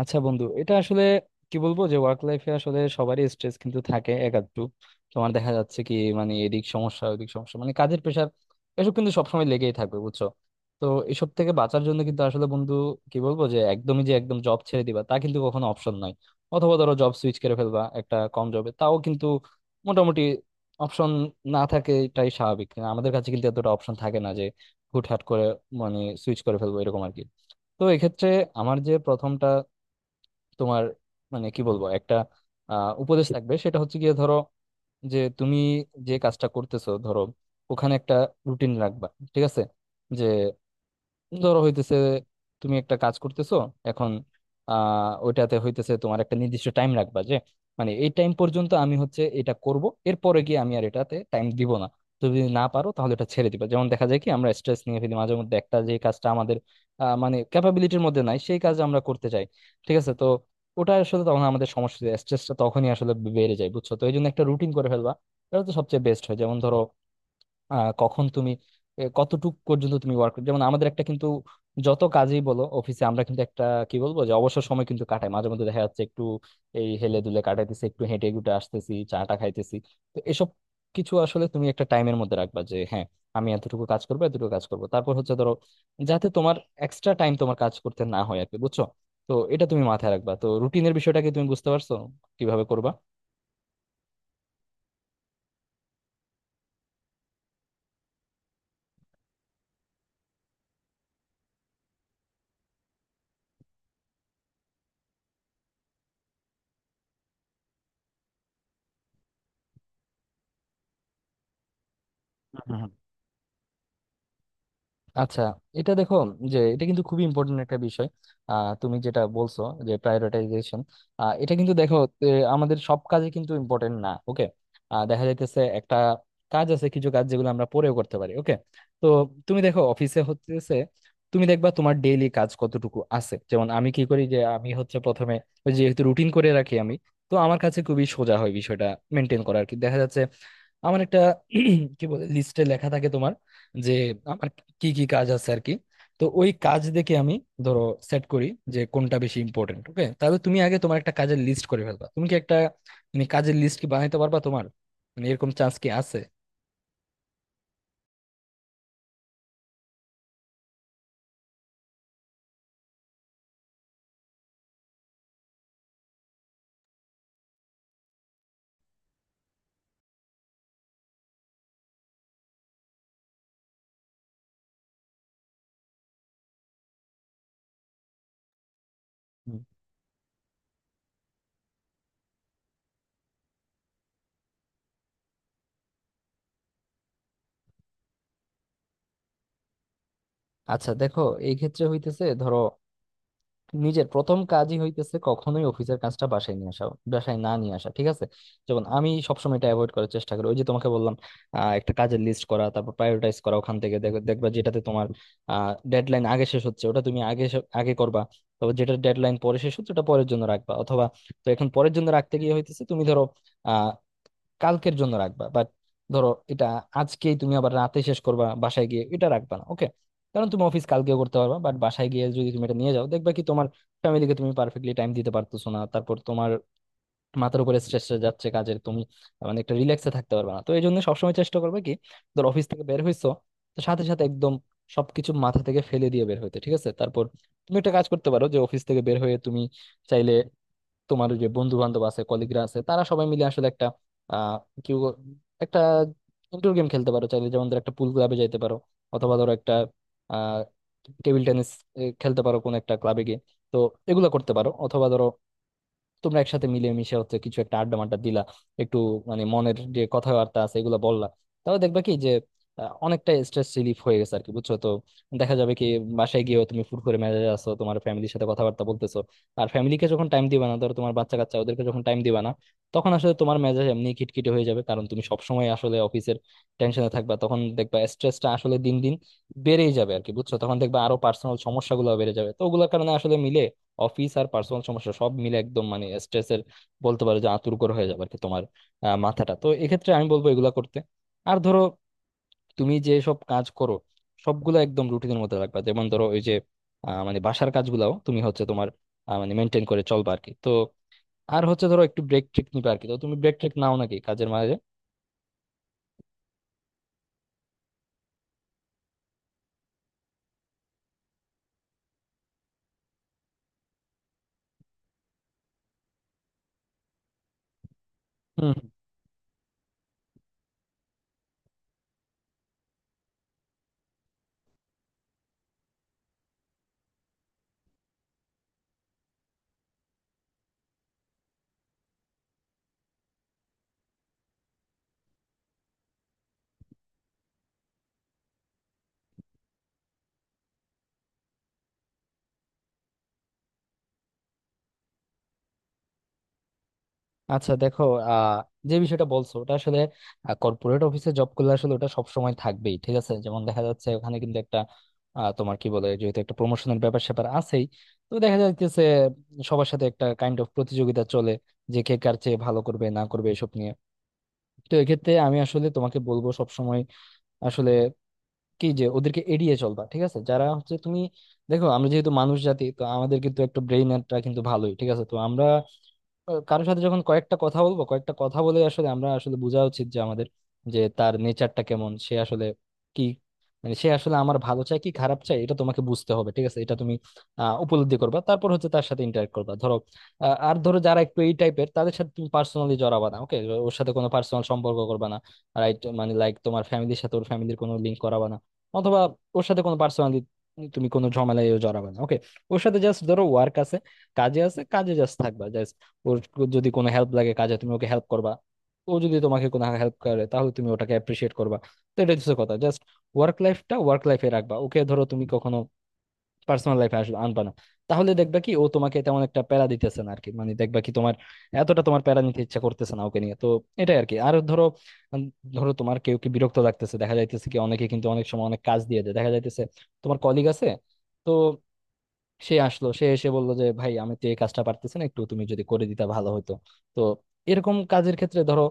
আচ্ছা বন্ধু, এটা আসলে কি বলবো যে ওয়ার্ক লাইফে আসলে সবারই স্ট্রেস কিন্তু থাকে এক আধটু। তোমার দেখা যাচ্ছে কি, মানে এদিক সমস্যা ওদিক সমস্যা, মানে কাজের প্রেশার, এসব কিন্তু সবসময় লেগেই থাকবে বুঝছো। তো এসব থেকে বাঁচার জন্য কিন্তু আসলে বন্ধু কি বলবো, যে একদমই যে একদম জব ছেড়ে দিবা তা কিন্তু কখনো অপশন নাই। অথবা ধরো জব সুইচ করে ফেলবা একটা কম জবে, তাও কিন্তু মোটামুটি অপশন না থাকে, এটাই স্বাভাবিক। আমাদের কাছে কিন্তু এতটা অপশন থাকে না যে হুটহাট করে মানে সুইচ করে ফেলবো, এরকম আর কি। তো এক্ষেত্রে আমার যে প্রথমটা তোমার মানে কি বলবো, একটা উপদেশ থাকবে, সেটা হচ্ছে গিয়ে ধরো যে তুমি যে কাজটা করতেছো, ধরো ওখানে একটা রুটিন রাখবা, ঠিক আছে? যে ধরো হইতেছে তুমি একটা কাজ করতেছো এখন, ওইটাতে হইতেছে তোমার একটা নির্দিষ্ট টাইম রাখবা, যে মানে এই টাইম পর্যন্ত আমি হচ্ছে এটা করব, এরপরে গিয়ে আমি আর এটাতে টাইম দিব না। তুমি যদি না পারো তাহলে এটা ছেড়ে দিবা। যেমন দেখা যায় কি, আমরা স্ট্রেস নিয়ে ফেলি মাঝে মধ্যে একটা, যে কাজটা আমাদের মানে ক্যাপাবিলিটির মধ্যে নাই সেই কাজ আমরা করতে চাই, ঠিক আছে? তো ওটা আসলে তখন আমাদের সমস্যা, স্ট্রেসটা তখনই আসলে বেড়ে যায় বুঝছো। তো এই জন্য একটা রুটিন করে ফেলবা, এটা তো সবচেয়ে বেস্ট হয়। যেমন ধরো কখন তুমি কতটুক পর্যন্ত তুমি ওয়ার্ক, যেমন আমাদের একটা কিন্তু যত কাজই বলো অফিসে আমরা কিন্তু একটা কি বলবো যে অবসর সময় কিন্তু কাটাই মাঝে মধ্যে, দেখা যাচ্ছে একটু এই হেলে দুলে কাটাইতেছি, একটু হেঁটে গুটে আসতেছি, চাটা খাইতেছি। তো এসব কিছু আসলে তুমি একটা টাইমের মধ্যে রাখবা, যে হ্যাঁ আমি এতটুকু কাজ করবো এতটুকু কাজ করবো, তারপর হচ্ছে ধরো যাতে তোমার এক্সট্রা টাইম তোমার কাজ করতে না হয় আর কি, বুঝছো? তো এটা তুমি মাথায় রাখবা। তো রুটিনের বিষয়টাকে তুমি বুঝতে পারছো কিভাবে করবা? আচ্ছা, এটা দেখো যে এটা কিন্তু খুবই ইম্পর্টেন্ট একটা বিষয়। তুমি যেটা বলছো, যে প্রায়োরিটাইজেশন, এটা কিন্তু দেখো, এ, আমাদের সব কাজে কিন্তু ইম্পর্টেন্ট না, ওকে? দেখা যাইতেছে একটা কাজ আছে, কিছু কাজ যেগুলো আমরা পরেও করতে পারি, ওকে? তো তুমি দেখো অফিসে হচ্ছে তুমি দেখবা তোমার ডেইলি কাজ কতটুকু আছে। যেমন আমি কি করি, যে আমি হচ্ছে প্রথমে ওই যেহেতু রুটিন করে রাখি আমি, তো আমার কাছে খুবই সোজা হয় বিষয়টা মেনটেন করা আর কি। দেখা যাচ্ছে আমার একটা কি বলে লিস্টে লেখা থাকে তোমার, যে আমার কি কি কাজ আছে আর কি। তো ওই কাজ দেখে আমি ধরো সেট করি যে কোনটা বেশি ইম্পর্টেন্ট, ওকে? তাহলে তুমি আগে তোমার একটা কাজের লিস্ট করে ফেলবা। তুমি কি একটা মানে কাজের লিস্ট কি বানাইতে পারবা তোমার? মানে এরকম চান্স কি আছে? হুম। আচ্ছা দেখো, এই ক্ষেত্রে হইতেছে ধরো নিজের প্রথম কাজই হইতেছে কখনোই অফিসের কাজটা বাসায় নিয়ে আসা, বাসায় না নিয়ে আসা, ঠিক আছে? যেমন আমি সবসময় এটা অ্যাভয়েড করার চেষ্টা করি। ওই যে তোমাকে বললাম একটা কাজের লিস্ট করা, তারপর প্রায়োরিটাইজ করা, ওখান থেকে দেখবা যেটাতে তোমার ডেডলাইন আগে শেষ হচ্ছে ওটা তুমি আগে আগে করবা। তারপর যেটা ডেডলাইন পরে শেষ হচ্ছে ওটা পরের জন্য রাখবা। অথবা, তো এখন পরের জন্য রাখতে গিয়ে হইতেছে তুমি ধরো কালকের জন্য রাখবা, বাট ধরো এটা আজকেই তুমি আবার রাতে শেষ করবা বাসায় গিয়ে, এটা রাখবা না, ওকে? কারণ তুমি অফিস কালকেও করতে পারবা, বাট বাসায় গিয়ে যদি তুমি এটা নিয়ে যাও, দেখবা কি তোমার ফ্যামিলিকে তুমি পারফেক্টলি টাইম দিতে পারতেছো না, তারপর তোমার মাথার উপরে স্ট্রেস যাচ্ছে কাজের, তুমি মানে একটা রিল্যাক্সে থাকতে পারবে না। তো এই জন্য সবসময় চেষ্টা করবে কি, ধর অফিস থেকে বের হইছো, তো সাথে সাথে একদম সবকিছু মাথা থেকে ফেলে দিয়ে বের হইতে, ঠিক আছে? তারপর তুমি একটা কাজ করতে পারো, যে অফিস থেকে বের হয়ে তুমি চাইলে তোমার যে বন্ধু বান্ধব আছে, কলিগরা আছে, তারা সবাই মিলে আসলে একটা আহ কি বল- একটা ইনডোর গেম খেলতে পারো চাইলে। যেমন ধরো একটা পুল ক্লাবে যাইতে পারো, অথবা ধরো একটা আহ টেবিল টেনিস খেলতে পারো কোন একটা ক্লাবে গিয়ে। তো এগুলো করতে পারো, অথবা ধরো তোমরা একসাথে মিলেমিশে হচ্ছে কিছু একটা আড্ডা মাড্ডা দিলা একটু, মানে মনের যে কথাবার্তা আছে এগুলো বললা। তাহলে দেখবা কি যে অনেকটা স্ট্রেস রিলিফ হয়ে গেছে আর কি, বুঝছো? তো দেখা যাবে কি বাসায় গিয়েও তুমি ফুরফুরে মেজাজে আছো, তোমার ফ্যামিলির সাথে কথাবার্তা বলতেছো। আর ফ্যামিলিকে যখন টাইম দিবা না, ধরো তোমার বাচ্চা কাচ্চা ওদেরকে যখন টাইম দিবা না, তখন আসলে তোমার মেজাজ এমনি খিটখিটে হয়ে যাবে, কারণ তুমি সবসময় আসলে অফিসের টেনশনে থাকবা। তখন দেখবা স্ট্রেসটা আসলে দিন দিন বেড়েই যাবে আর কি, বুঝছো? তখন দেখবা আরো পার্সোনাল সমস্যাগুলো বেড়ে যাবে। তো ওগুলোর কারণে আসলে মিলে, অফিস আর পার্সোনাল সমস্যা সব মিলে একদম মানে স্ট্রেসের বলতে পারো যে আঁতুড় করে হয়ে যাবে আর কি তোমার মাথাটা। তো এক্ষেত্রে আমি বলবো এগুলা করতে। আর ধরো তুমি যে সব কাজ করো সবগুলো একদম রুটিনের মধ্যে রাখবা। যেমন ধরো ওই যে মানে বাসার কাজগুলাও তুমি হচ্ছে তোমার মানে মেনটেন করে চলবা আর কি। তো আর হচ্ছে ধরো একটু ব্রেক ট্রেক নিবা আর কি। তো তুমি ব্রেক ট্রেক নাও নাকি কাজের মাঝে? আচ্ছা দেখো, আহ যে বিষয়টা বলছো ওটা আসলে কর্পোরেট অফিসে জব করলে আসলে ওটা সবসময় থাকবেই, ঠিক আছে? যেমন দেখা যাচ্ছে ওখানে কিন্তু একটা তোমার কি বলে যেহেতু একটা প্রমোশনের ব্যাপার স্যাপার আছেই, তো দেখা যাচ্ছে সবার সাথে একটা কাইন্ড অফ প্রতিযোগিতা চলে যে কে কার চেয়ে ভালো করবে না করবে এসব নিয়ে। তো এক্ষেত্রে আমি আসলে তোমাকে বলবো সবসময় আসলে কি, যে ওদেরকে এড়িয়ে চলবা, ঠিক আছে? যারা হচ্ছে তুমি দেখো আমরা যেহেতু মানুষ জাতি, তো আমাদের কিন্তু একটা ব্রেইনটা কিন্তু ভালোই ঠিক আছে। তো আমরা কারোর সাথে যখন কয়েকটা কথা বলবো, কয়েকটা কথা বলে আসলে আমরা আসলে বোঝা উচিত যে আমাদের যে তার নেচারটা কেমন, সে আসলে কি মানে সে আসলে আমার ভালো চায় কি খারাপ চায়, এটা তোমাকে বুঝতে হবে, ঠিক আছে? এটা তুমি উপলব্ধি করবা, তারপর হচ্ছে তার সাথে ইন্টারেক্ট করবা ধরো। আর ধরো যারা একটু এই টাইপের তাদের সাথে তুমি পার্সোনালি জড়াবা না, ওকে? ওর সাথে কোনো পার্সোনাল সম্পর্ক করবা না। রাইট, মানে লাইক তোমার ফ্যামিলির সাথে ওর ফ্যামিলির কোনো লিঙ্ক করাবা না, অথবা ওর সাথে কোনো পার্সোনালি তুমি কোনো ঝামেলায় জড়াবা না, ওকে? ওর সাথে জাস্ট ধরো ওয়ার্ক আছে, কাজে আছে, কাজে জাস্ট থাকবা। ওর যদি কোনো হেল্প লাগে কাজে তুমি ওকে হেল্প করবা। ও যদি তোমাকে কোনো হেল্প করে, তাহলে তুমি ওটাকে অ্যাপ্রিসিয়েট করবা। তো এটা হচ্ছে কথা, জাস্ট ওয়ার্ক লাইফটা ওয়ার্ক লাইফে রাখবা, ওকে? ধরো তুমি কখনো পার্সোনাল লাইফে আসবে আনবা না। তাহলে দেখবা কি ও তোমাকে তেমন একটা প্যারা দিতেছে না আর কি, মানে দেখবা কি তোমার এতটা তোমার প্যারা নিতে ইচ্ছা করতেছে না ওকে নিয়ে। তো এটাই আর কি। আর ধরো উম, ধরো তোমার কেউ কি বিরক্ত লাগতেছে, দেখা যাইতেছে কি অনেকে কিন্তু অনেক সময় অনেক কাজ দিয়ে দেয়, দেখা যাইতেছে তোমার কলিগ আছে, তো সে আসলো, সে এসে বললো যে ভাই আমি তো এই কাজটা পারতেছি না, একটু তুমি যদি করে দিতা ভালো হতো। তো এরকম কাজের ক্ষেত্রে ধরো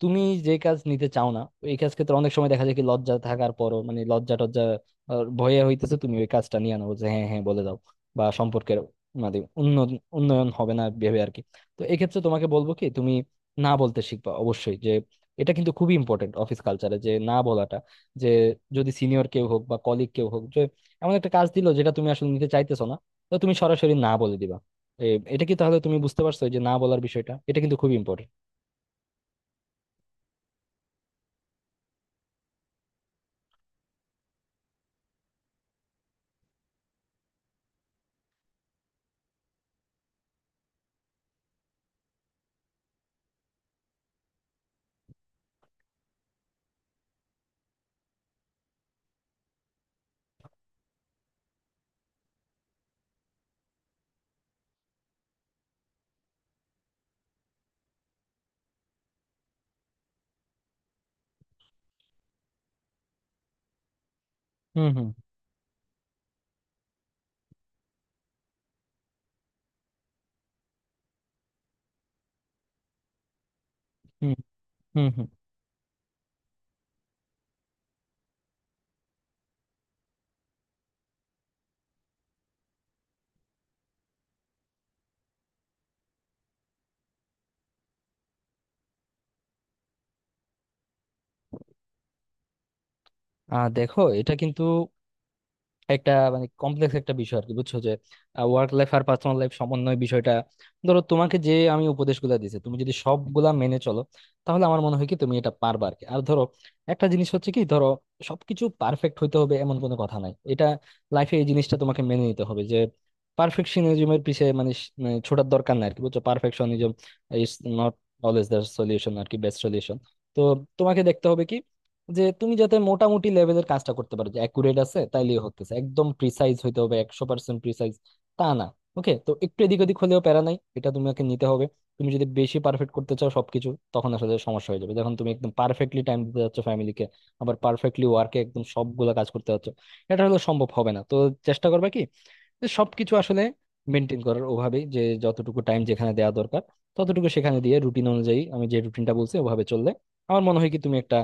তুমি যে কাজ নিতে চাও না, এই কাজ ক্ষেত্রে অনেক সময় দেখা যায় কি লজ্জা থাকার পরও মানে লজ্জা টজ্জা, ভয়ে হইতেছে তুমি ওই কাজটা নিয়ে আনো, যে হ্যাঁ হ্যাঁ বলে দাও, বা সম্পর্কের মানে উন্নয়ন উন্নয়ন হবে না ভেবে আর কি। তো এক্ষেত্রে তোমাকে বলবো কি তুমি না বলতে শিখবা অবশ্যই, যে এটা কিন্তু খুবই ইম্পর্টেন্ট অফিস কালচারে যে না বলাটা। যে যদি সিনিয়র কেউ হোক বা কলিগ কেউ হোক, যে এমন একটা কাজ দিল যেটা তুমি আসলে নিতে চাইতেছো না, তো তুমি সরাসরি না বলে দিবা। এ, এটা কি তাহলে তুমি বুঝতে পারছো, যে না বলার বিষয়টা এটা কিন্তু খুব ইম্পর্টেন্ট? হুম হুম। হুম হুম হুম। আর দেখো এটা কিন্তু একটা মানে কমপ্লেক্স একটা বিষয় আর কি, বুঝছো? যে ওয়ার্ক লাইফ আর পার্সোনাল লাইফ সমন্বয় বিষয়টা, ধরো তোমাকে যে আমি উপদেশগুলো দিয়েছি তুমি যদি সবগুলা মেনে চলো তাহলে আমার মনে হয় কি তুমি এটা পারবা আর কি। আর ধরো একটা জিনিস হচ্ছে কি, ধরো সবকিছু পারফেক্ট হইতে হবে এমন কোনো কথা নাই। এটা লাইফে এই জিনিসটা তোমাকে মেনে নিতে হবে যে পারফেকশনিজমের পিছে মানে মানে ছোটার দরকার নাই আর কি, বুঝছো? Perfectionism is not always the solution আর কি, বেস্ট সলিউশন। তো তোমাকে দেখতে হবে কি যে তুমি যাতে মোটামুটি লেভেলের কাজটা করতে পারো যে অ্যাকুরেট আছে, তাইলেই হতেছে। একদম প্রিসাইজ হইতে হবে, 100% প্রিসাইজ, তা না, ওকে? তো একটু এদিক ওদিক হলেও প্যারা নাই, এটা তোমাকে নিতে হবে। তুমি যদি বেশি পারফেক্ট করতে চাও সবকিছু, তখন আসলে সমস্যা হয়ে যাবে যখন তুমি একদম পারফেক্টলি টাইম দিতে যাচ্ছ ফ্যামিলিকে, আবার পারফেক্টলি ওয়ার্কে একদম সবগুলা কাজ করতে যাচ্ছ, এটা হলে সম্ভব হবে না। তো চেষ্টা করবে কি যে সবকিছু আসলে মেনটেন করার, ওভাবেই যে যতটুকু টাইম যেখানে দেওয়া দরকার ততটুকু সেখানে দিয়ে, রুটিন অনুযায়ী আমি যে রুটিনটা বলছি ওভাবে চললে আমার মনে হয় কি তুমি একটা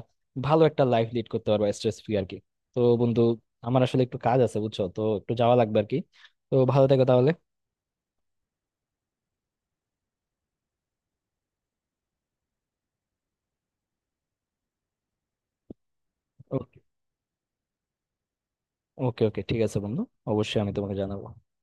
ভালো একটা লাইফ লিড করতে পারবা, স্ট্রেস ফ্রি আর কি। তো বন্ধু, আমার আসলে একটু কাজ আছে বুঝছো, তো একটু যাওয়া লাগবে আর কি। তো ভালো থেকো তাহলে। ওকে ওকে ওকে, ঠিক আছে বন্ধু, অবশ্যই আমি তোমাকে জানাবো।